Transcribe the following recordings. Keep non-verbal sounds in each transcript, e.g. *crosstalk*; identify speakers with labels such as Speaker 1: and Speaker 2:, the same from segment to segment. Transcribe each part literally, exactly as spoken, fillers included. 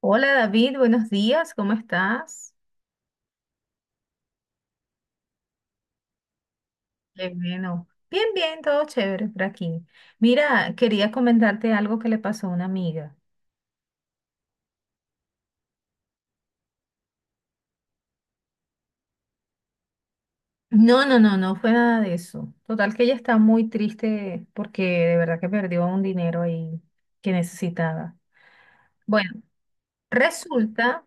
Speaker 1: Hola David, buenos días, ¿cómo estás? Qué bueno. Bien, bien, todo chévere por aquí. Mira, quería comentarte algo que le pasó a una amiga. No, no, no, no fue nada de eso. Total que ella está muy triste porque de verdad que perdió un dinero ahí que necesitaba. Bueno, resulta,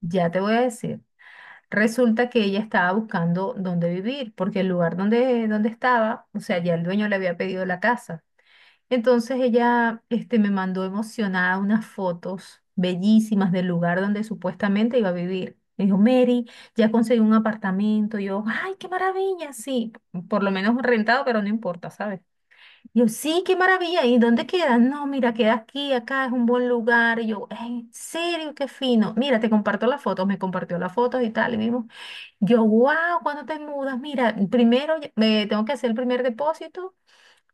Speaker 1: ya te voy a decir, resulta que ella estaba buscando dónde vivir porque el lugar donde, donde estaba, o sea, ya el dueño le había pedido la casa. Entonces ella este, me mandó emocionada unas fotos bellísimas del lugar donde supuestamente iba a vivir. Me dijo, Mary, ya conseguí un apartamento. Y yo, ay, qué maravilla, sí, por lo menos rentado, pero no importa, ¿sabes? Y yo, sí, qué maravilla. ¿Y dónde queda? No, mira, queda aquí, acá es un buen lugar. Y yo, "Ay, en serio, qué fino. Mira, te comparto las fotos, me compartió las fotos y tal. Y vimos, yo, wow, ¿cuándo te mudas? Mira, primero ya- me tengo que hacer el primer depósito,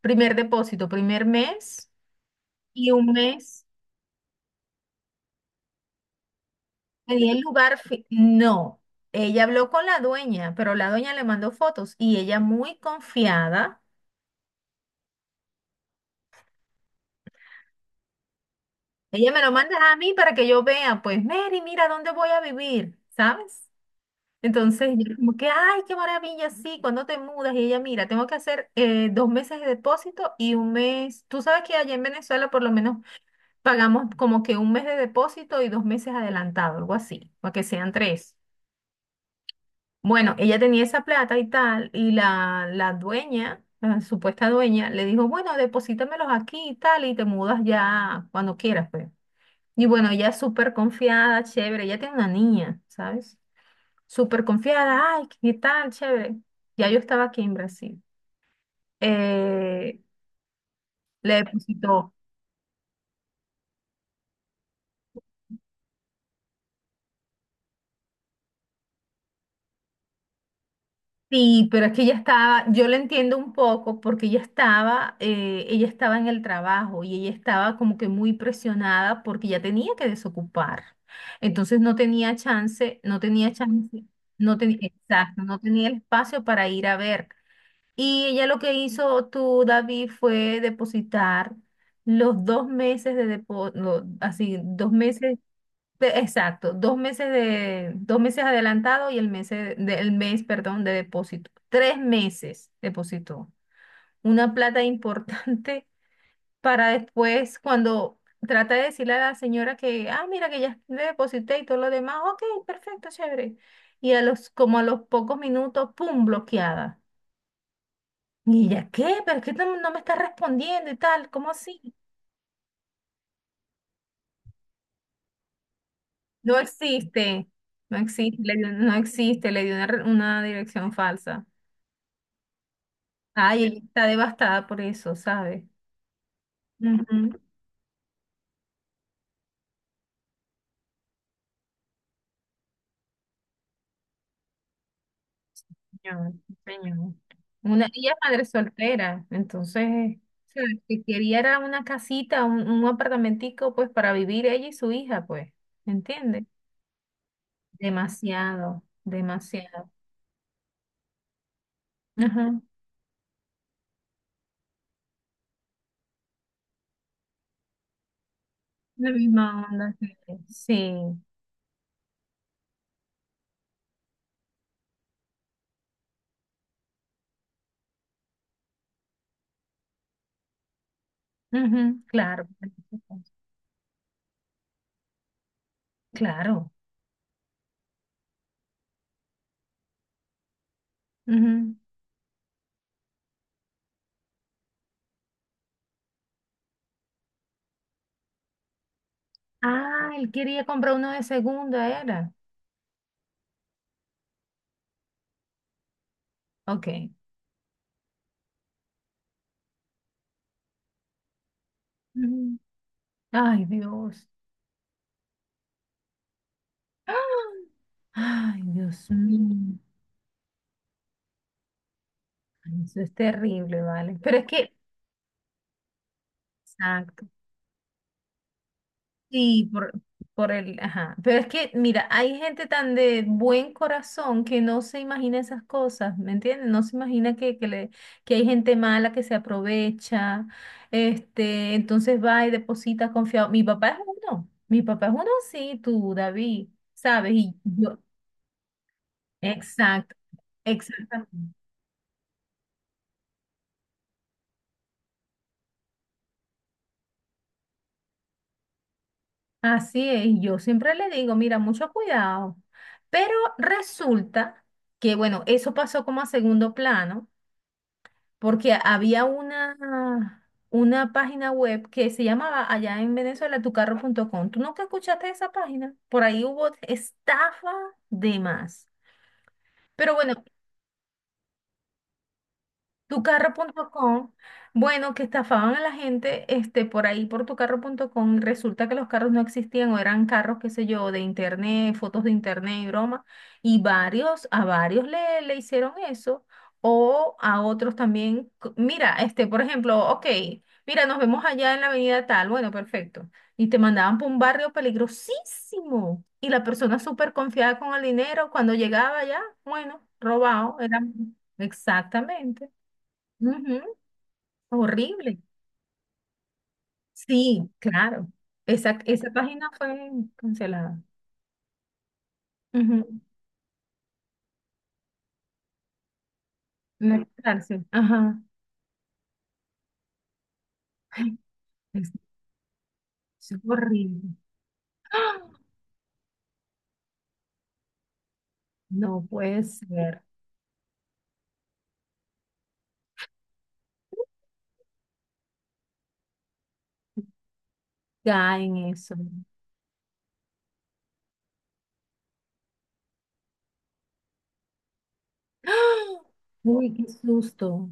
Speaker 1: primer depósito, primer mes. Y un mes, le di el lugar, fi- no, ella habló con la dueña, pero la dueña le mandó fotos y ella muy confiada, ella me lo manda a mí para que yo vea, pues Mary, mira dónde voy a vivir, ¿sabes? Entonces yo como que, ay, qué maravilla, sí, cuando te mudas y ella, mira, tengo que hacer eh, dos meses de depósito y un mes, tú sabes que allá en Venezuela por lo menos pagamos como que un mes de depósito y dos meses adelantado, algo así, para que sean tres. Bueno, ella tenía esa plata y tal, y la, la dueña, la supuesta dueña, le dijo, bueno, deposítamelos aquí y tal, y te mudas ya cuando quieras, pues. Y bueno, ella súper confiada, chévere, ella tiene una niña, ¿sabes? Súper confiada, ay, qué tal, chévere. Ya yo estaba aquí en Brasil. Eh, Le depositó. Sí, pero es que ella estaba, yo la entiendo un poco porque ella estaba, eh, ella estaba en el trabajo y ella estaba como que muy presionada porque ya tenía que desocupar. Entonces no tenía chance, no tenía chance, no tenía, exacto, no tenía el espacio para ir a ver. Y ella lo que hizo tú, David, fue depositar los dos meses de depósito, así, dos meses de- exacto, dos meses de, dos meses adelantado y el mes, del mes, perdón, de depósito. Tres meses depositó. Una plata *laughs* importante para después, cuando trata de decirle a la señora que, ah, mira que ya le deposité y todo lo demás, ok, perfecto, chévere. Y a los, como a los pocos minutos, pum, bloqueada. Y ella, ¿qué? ¿Pero es que no, no me está respondiendo y tal? ¿Cómo así? No existe, no existe, le dio- no existe, le dio una, re- una dirección falsa. Ay, ella está devastada por eso, ¿sabes? Ujú. Señor, señor. Una, ella es madre soltera, entonces, ¿sabes? Que quería era una casita, un, un apartamentico, pues, para vivir ella y su hija, pues, ¿entiendes? Demasiado, demasiado. Ajá. La misma onda. que- Sí, ujú, claro, claro. Ujú. Ah, él quería comprar uno de segunda, era. Ok. Ujú. Ay, Dios. ¡Ah! Ay, Dios Mm. mío, eso es terrible, ¿vale? Pero es que, exacto, sí, por, por el, ajá, pero es que, mira, hay gente tan de buen corazón que no se imagina esas cosas, ¿me entiendes? No se imagina que, que, le, que hay gente mala que se aprovecha, este, entonces va y deposita confiado. Mi papá es uno, mi papá es uno, sí, tú, David, ¿sabes? Y yo, exacto, exactamente. Así es, yo siempre le digo, mira, mucho cuidado. Pero resulta que, bueno, eso pasó como a segundo plano, porque había una, una página web que se llamaba allá en Venezuela tucarro punto com. ¿Tú nunca escuchaste esa página? Por ahí hubo estafa de más. Pero bueno, tucarro punto com, bueno, que estafaban a la gente este, por ahí por tucarro punto com y resulta que los carros no existían o eran carros, qué sé yo, de internet, fotos de internet y broma. Y varios, a varios le, le hicieron eso o a otros también. c- Mira, este, por ejemplo, ok, mira, nos vemos allá en la avenida tal, bueno, perfecto. Y te mandaban por un barrio peligrosísimo y la persona súper confiada con el dinero, cuando llegaba allá, bueno, robado, era... Exactamente. Ujú. Horrible. Sí, claro. Esa, esa página fue cancelada. Ujú. La cárcel. Ajá. Ay, Es, es horrible. ¡Ah! No puede ser. Ya en eso. ¡Ah! Uy, qué susto.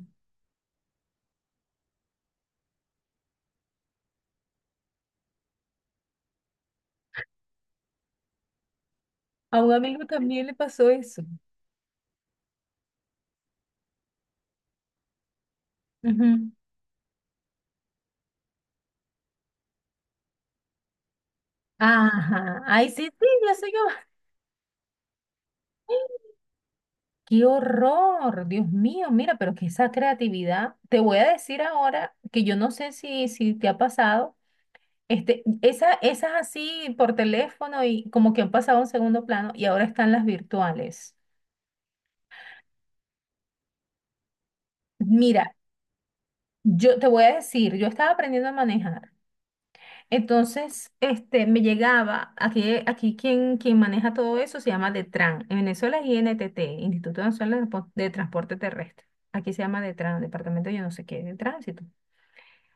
Speaker 1: A un amigo también le pasó eso. Ujú. Ajá. Ay, sí, sí, ya sé yo. *laughs* ¡Qué horror! Dios mío, mira, pero que esa creatividad. Te voy a decir ahora que yo no sé si, si te ha pasado. Este, esa, esas así por teléfono y como que han pasado a un segundo plano y ahora están las virtuales. Mira, yo te voy a decir, yo estaba aprendiendo a manejar. Entonces, este, me llegaba, aquí, aquí quien, quien maneja todo eso se llama DETRAN. En Venezuela es I N T T, Instituto Nacional de Transpor- de Transporte Terrestre. Aquí se llama DETRAN, Departamento yo no sé qué, de Tránsito.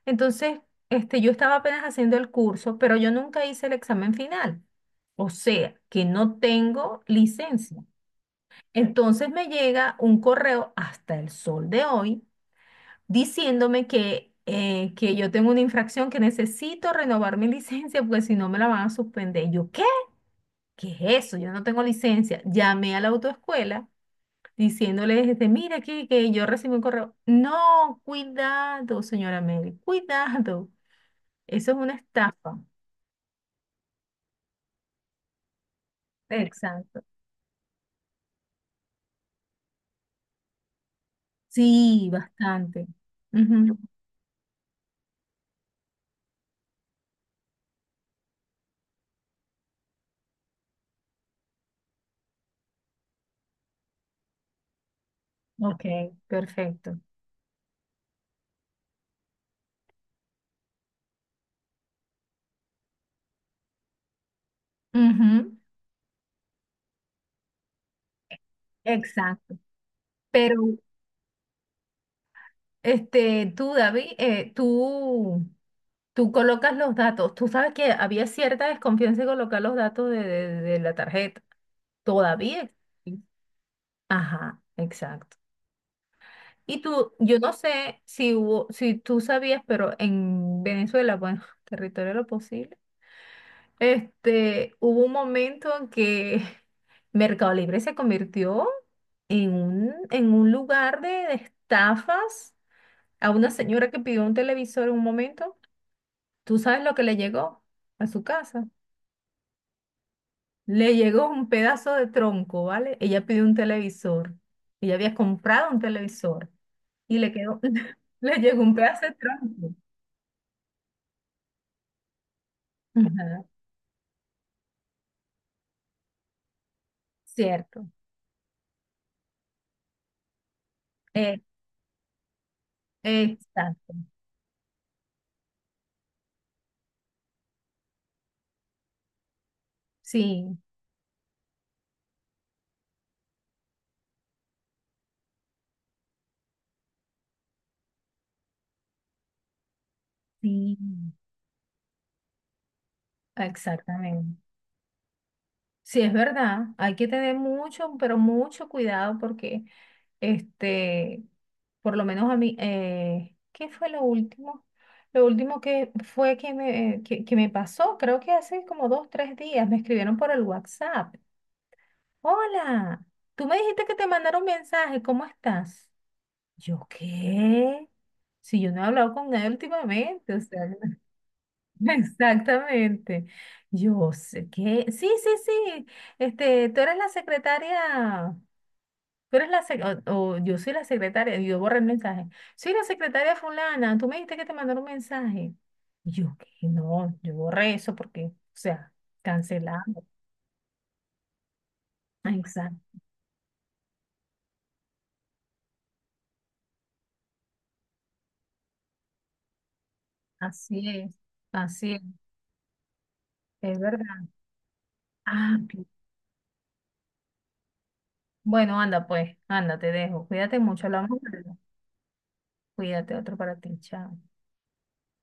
Speaker 1: Entonces, este, yo estaba apenas haciendo el curso, pero yo nunca hice el examen final. O sea, que no tengo licencia. Entonces me llega un correo hasta el sol de hoy diciéndome que, eh, que yo tengo una infracción, que necesito renovar mi *laughs* licencia porque si no me la van a suspender. Y yo, ¿qué? ¿Qué es eso? Yo no tengo licencia. Llamé a la autoescuela diciéndoles, este, mira aquí que yo recibí un correo. No, cuidado, señora Mary, cuidado. Eso es una estafa. Exacto. Sí, bastante. Ujú. Ok, perfecto. Ujú. Exacto. Pero este, tú, David, eh, tú, tú colocas los datos. Tú sabes que había cierta desconfianza en colocar los datos de, de- de la tarjeta. Todavía existe. Ajá, exacto. Y tú, yo no sé si hubo, si tú sabías, pero en Venezuela, bueno, *laughs* territorio de lo posible, este, hubo un momento en que *laughs* Mercado Libre se convirtió en un, en un lugar de de estafas a una señora que pidió un televisor en un momento, ¿tú sabes lo que le llegó a su casa? Le llegó un pedazo de tronco, ¿vale? Ella pidió un televisor. Ella había comprado un televisor y le quedó, *laughs* le llegó un pedazo de tronco. Ajá, cierto. Eh, exacto. Sí, sí, exactamente. Sí, es verdad. Hay que tener mucho, pero mucho cuidado porque este, por lo menos a mí, eh, ¿qué fue lo último? Lo último que fue que me, eh, que, que me pasó, creo que hace como dos, tres días, me escribieron por el WhatsApp. Hola, tú me dijiste que te mandaron un mensaje, ¿cómo estás? Yo, ¿qué? Si yo no he hablado con nadie últimamente, o sea, *laughs* exactamente. Yo sé que, sí, sí, sí, este, tú eres la secretaria. Tú eres la sec- o, o yo soy la secretaria, y yo borré el mensaje. Soy la secretaria fulana, tú me dijiste que te mandaron un mensaje. Y yo, que no, yo borré eso porque, o sea, cancelado. Ah, exacto. Así es, así es, es verdad. Ah, ok. Bueno, anda pues, anda, te dejo. Cuídate mucho, hablamos luego. Cuídate, otro para ti, chao.